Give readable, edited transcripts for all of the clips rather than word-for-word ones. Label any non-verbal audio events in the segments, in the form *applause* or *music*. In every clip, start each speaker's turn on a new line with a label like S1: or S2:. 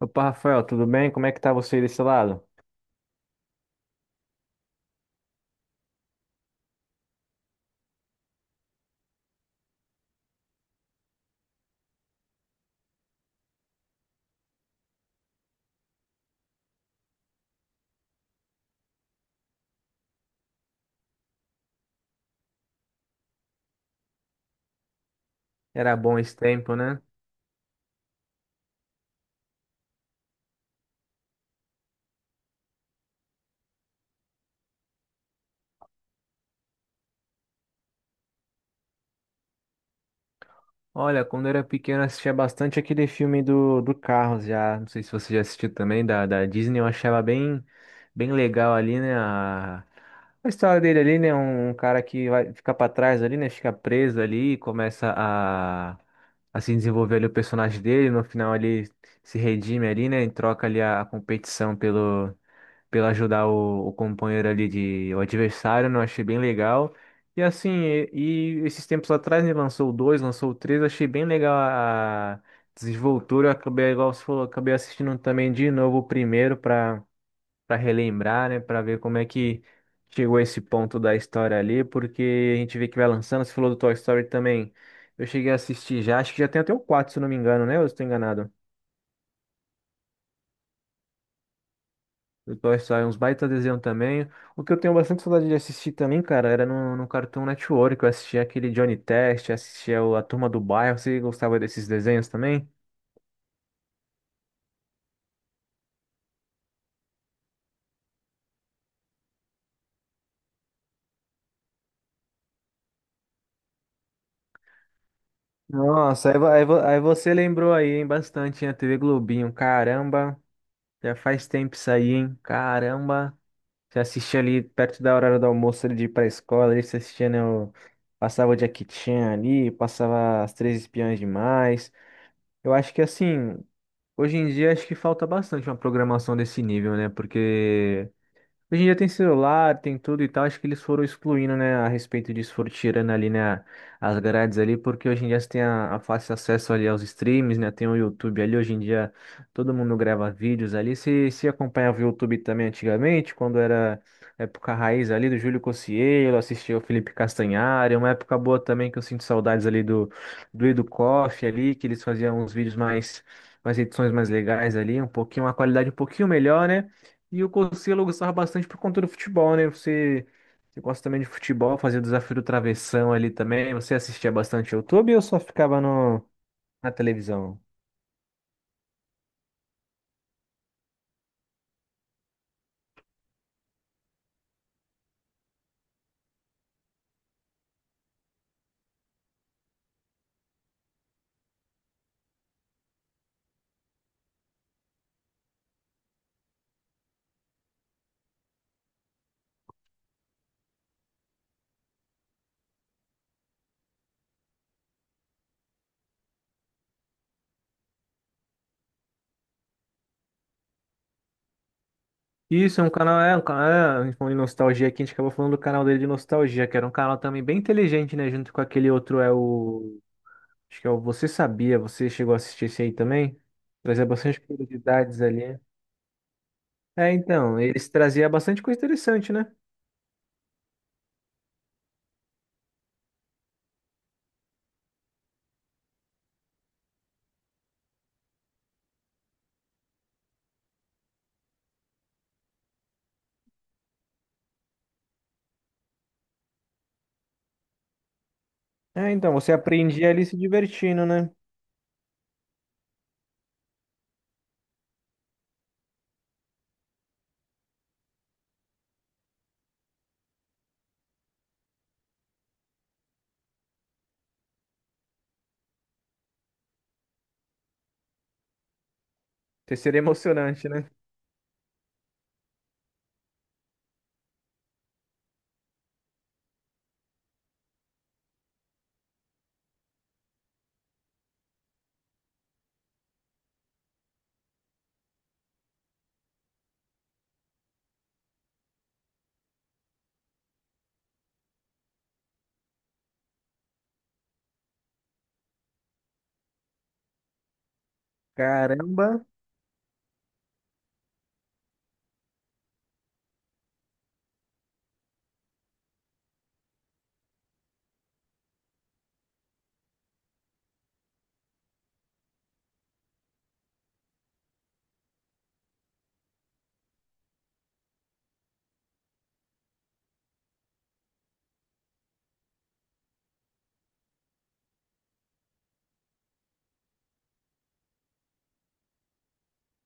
S1: Opa, Rafael, tudo bem? Como é que tá você desse lado? Era bom esse tempo, né? Olha, quando eu era pequeno eu assistia bastante aquele filme do Carros já. Não sei se você já assistiu também, da Disney. Eu achava bem, bem legal ali, né? A história dele ali, né? Um cara que vai ficar pra trás ali, né? Fica preso ali e começa a se desenvolver ali o personagem dele. No final ele se redime ali, né? Em troca ali a competição pelo ajudar o companheiro ali de o adversário, né? Eu achei bem legal. E assim, e esses tempos atrás, né, lançou o 2, lançou o 3, achei bem legal a desenvoltura. Eu acabei, igual você falou, acabei assistindo também de novo o primeiro para relembrar, né, para ver como é que chegou a esse ponto da história ali, porque a gente vê que vai lançando, você falou do Toy Story também. Eu cheguei a assistir já, acho que já tem até o 4 se eu não me engano, né? Ou eu estou enganado? Depois sai uns baita desenho também. O que eu tenho bastante saudade de assistir também, cara, era no Cartoon Network. Eu assistia aquele Johnny Test, assistia a Turma do Bairro. Você gostava desses desenhos também? Nossa, aí, aí você lembrou aí, hein, bastante, hein, a TV Globinho. Caramba, já faz tempo isso aí, hein? Caramba. Você assistia ali perto da hora do almoço ali de ir pra escola, ali você assistia, né, passava o Jackie Chan ali, passava as Três Espiãs Demais. Eu acho que assim. Hoje em dia acho que falta bastante uma programação desse nível, né? Porque, hoje em dia tem celular, tem tudo e tal. Acho que eles foram excluindo, né, a respeito disso, foram tirando ali, né, as grades ali, porque hoje em dia você tem a fácil acesso ali aos streams, né, tem o YouTube ali. Hoje em dia todo mundo grava vídeos ali. Se acompanhava o YouTube também antigamente, quando era época raiz ali do Júlio Cocielo, assistia o Felipe Castanhari, uma época boa também que eu sinto saudades ali do, do Edu Koff ali, que eles faziam uns vídeos mais, mais edições mais legais ali, um pouquinho, uma qualidade um pouquinho melhor, né? E o Conselho eu gostava bastante por conta do futebol, né? Você, você gosta também de futebol, fazia o desafio do travessão ali também. Você assistia bastante YouTube ou só ficava no, na televisão? Isso, é um canal, é um canal, é, a gente falou de nostalgia aqui, a gente acabou falando do canal dele de nostalgia, que era um canal também bem inteligente, né? Junto com aquele outro, é o. Acho que é o Você Sabia, você chegou a assistir esse aí também? Trazia bastante curiosidades ali. É, então, eles traziam bastante coisa interessante, né? É, então, você aprendia ali se divertindo, né? Terceiro *laughs* emocionante, né? Caramba,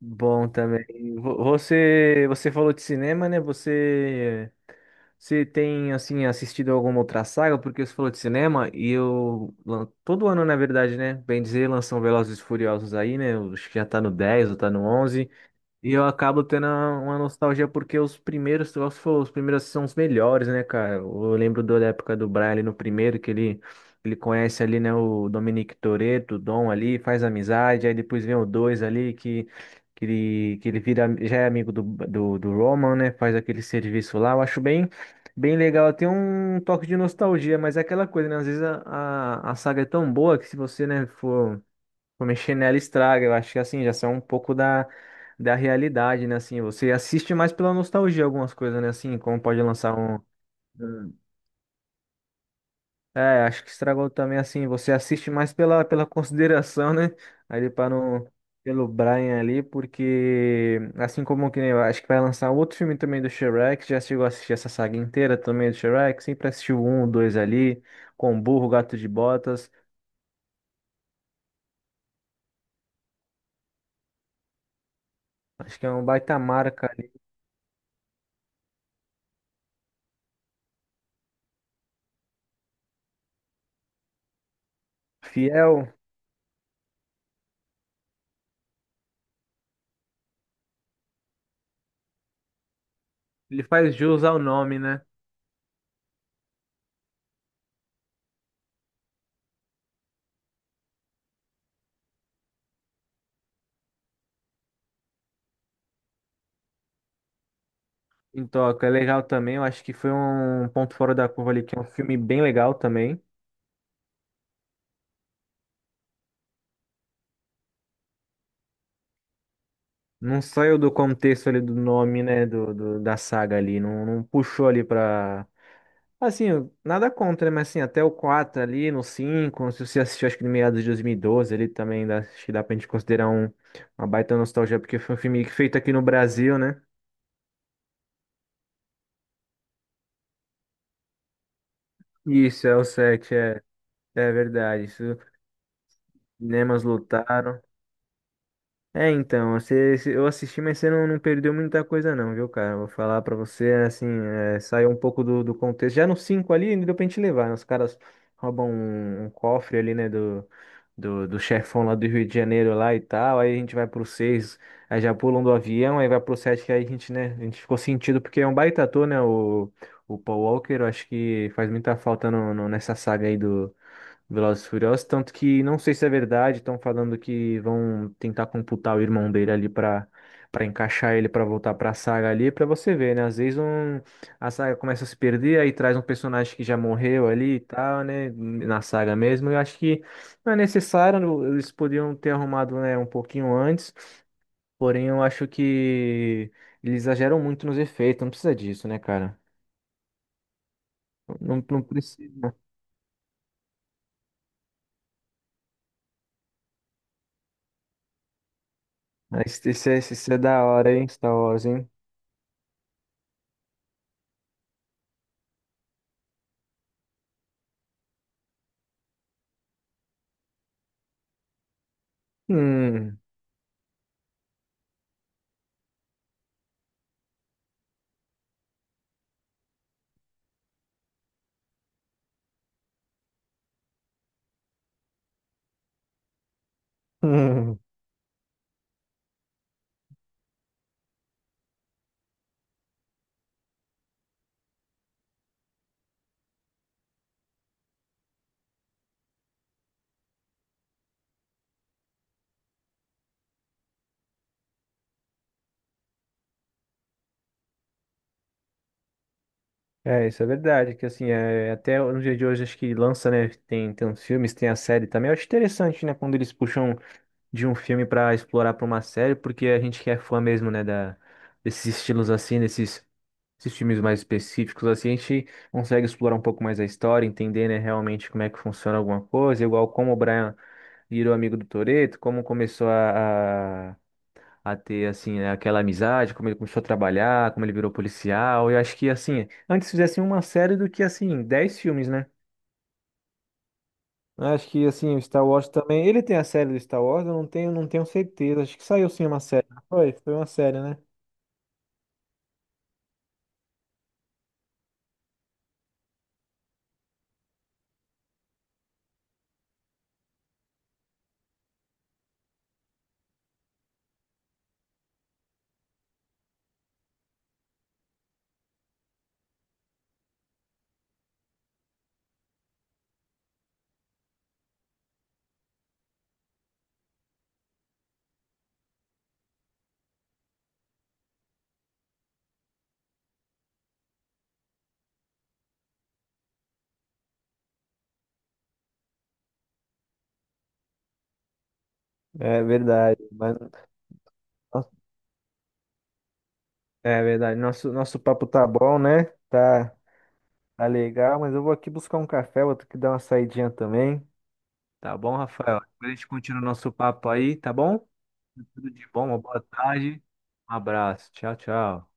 S1: bom também. Você, você falou de cinema, né? Você, você tem assim assistido alguma outra saga? Porque você falou de cinema e eu todo ano, na verdade, né? Bem dizer, lançam Velozes e Furiosos aí, né? Acho que já tá no 10 ou tá no 11. E eu acabo tendo uma nostalgia porque os primeiros, se você for, os primeiros são os melhores, né, cara? Eu lembro da época do Brian ali no primeiro, que ele conhece ali, né, o Dominic Toretto, o Dom ali, faz amizade, aí depois vem o dois ali, que ele vira, já é amigo do Roman, né, faz aquele serviço lá. Eu acho bem, bem legal, tem um toque de nostalgia, mas é aquela coisa, né, às vezes a saga é tão boa que se você, né, for comer chinelo estraga, eu acho que assim, já são um pouco da, da realidade, né? Assim, você assiste mais pela nostalgia algumas coisas, né? Assim, como pode lançar um. Hum. É, acho que estragou também assim, você assiste mais pela, pela consideração, né? Ali para não. Pelo Brian ali, porque assim como que nem eu acho que vai lançar outro filme também do Shrek, já chegou a assistir essa saga inteira também do Shrek, sempre assistiu o um, o dois ali, com o burro, gato de botas. Acho que é um baita marca ali. Fiel, ele faz jus ao nome, né? Em Tóquio é legal também, eu acho que foi um ponto fora da curva ali, que é um filme bem legal também. Não saiu do contexto ali do nome, né, da saga ali, não, não puxou ali pra... Assim, nada contra, né, mas assim, até o 4 ali, no 5 se você assistiu acho que no meados de 2012 ali também, dá, acho que dá pra gente considerar um, uma baita nostalgia, porque foi um filme feito aqui no Brasil, né? Isso, é o 7, é, é verdade, isso, cinemas lotaram. É, então, você, eu assisti, mas você não, não perdeu muita coisa não, viu, cara? Vou falar pra você, assim, é, saiu um pouco do contexto. Já no 5 ali, ainda deu pra gente levar, né? Os caras roubam um, um cofre ali, né, do chefão lá do Rio de Janeiro lá e tal, aí a gente vai pro 6, aí já pulam do avião, aí vai pro 7. Que aí a gente, né, a gente ficou sentido, porque é um baita ator, né, o Paul Walker, eu acho que faz muita falta nessa saga aí Velozes e Furiosos, tanto que não sei se é verdade, estão falando que vão tentar computar o irmão dele ali pra para encaixar ele pra voltar pra saga ali, pra você ver, né? Às vezes um, a saga começa a se perder, aí traz um personagem que já morreu ali e tal, né? Na saga mesmo. Eu acho que não é necessário, eles podiam ter arrumado, né, um pouquinho antes, porém eu acho que eles exageram muito nos efeitos, não precisa disso, né, cara? Não, não precisa. Mas isso, isso é da hora, hein? Star Wars, hein? Hum. *laughs* Hum, é, isso é verdade, que assim, é, até no dia de hoje acho que lança, né, tem, tem uns filmes, tem a série também, eu acho interessante, né, quando eles puxam de um filme pra explorar pra uma série, porque a gente que é fã mesmo, né, da, desses estilos assim, desses esses filmes mais específicos assim, a gente consegue explorar um pouco mais a história, entender, né, realmente como é que funciona alguma coisa, igual como o Brian virou amigo do Toreto como começou a ter, assim, né, aquela amizade, como ele começou a trabalhar, como ele virou policial. Eu acho que, assim, antes fizessem uma série do que, assim, 10 filmes, né? Eu acho que, assim, o Star Wars também. Ele tem a série do Star Wars, eu não tenho, não tenho certeza. Acho que saiu sim uma série. Não foi, foi uma série, né? É verdade. Mas, é verdade. Nosso, nosso papo tá bom, né? Tá, tá legal, mas eu vou aqui buscar um café, vou ter que dar uma saidinha também. Tá bom, Rafael? Depois a gente continua o nosso papo aí, tá bom? Tudo de bom, uma boa tarde. Um abraço. Tchau, tchau.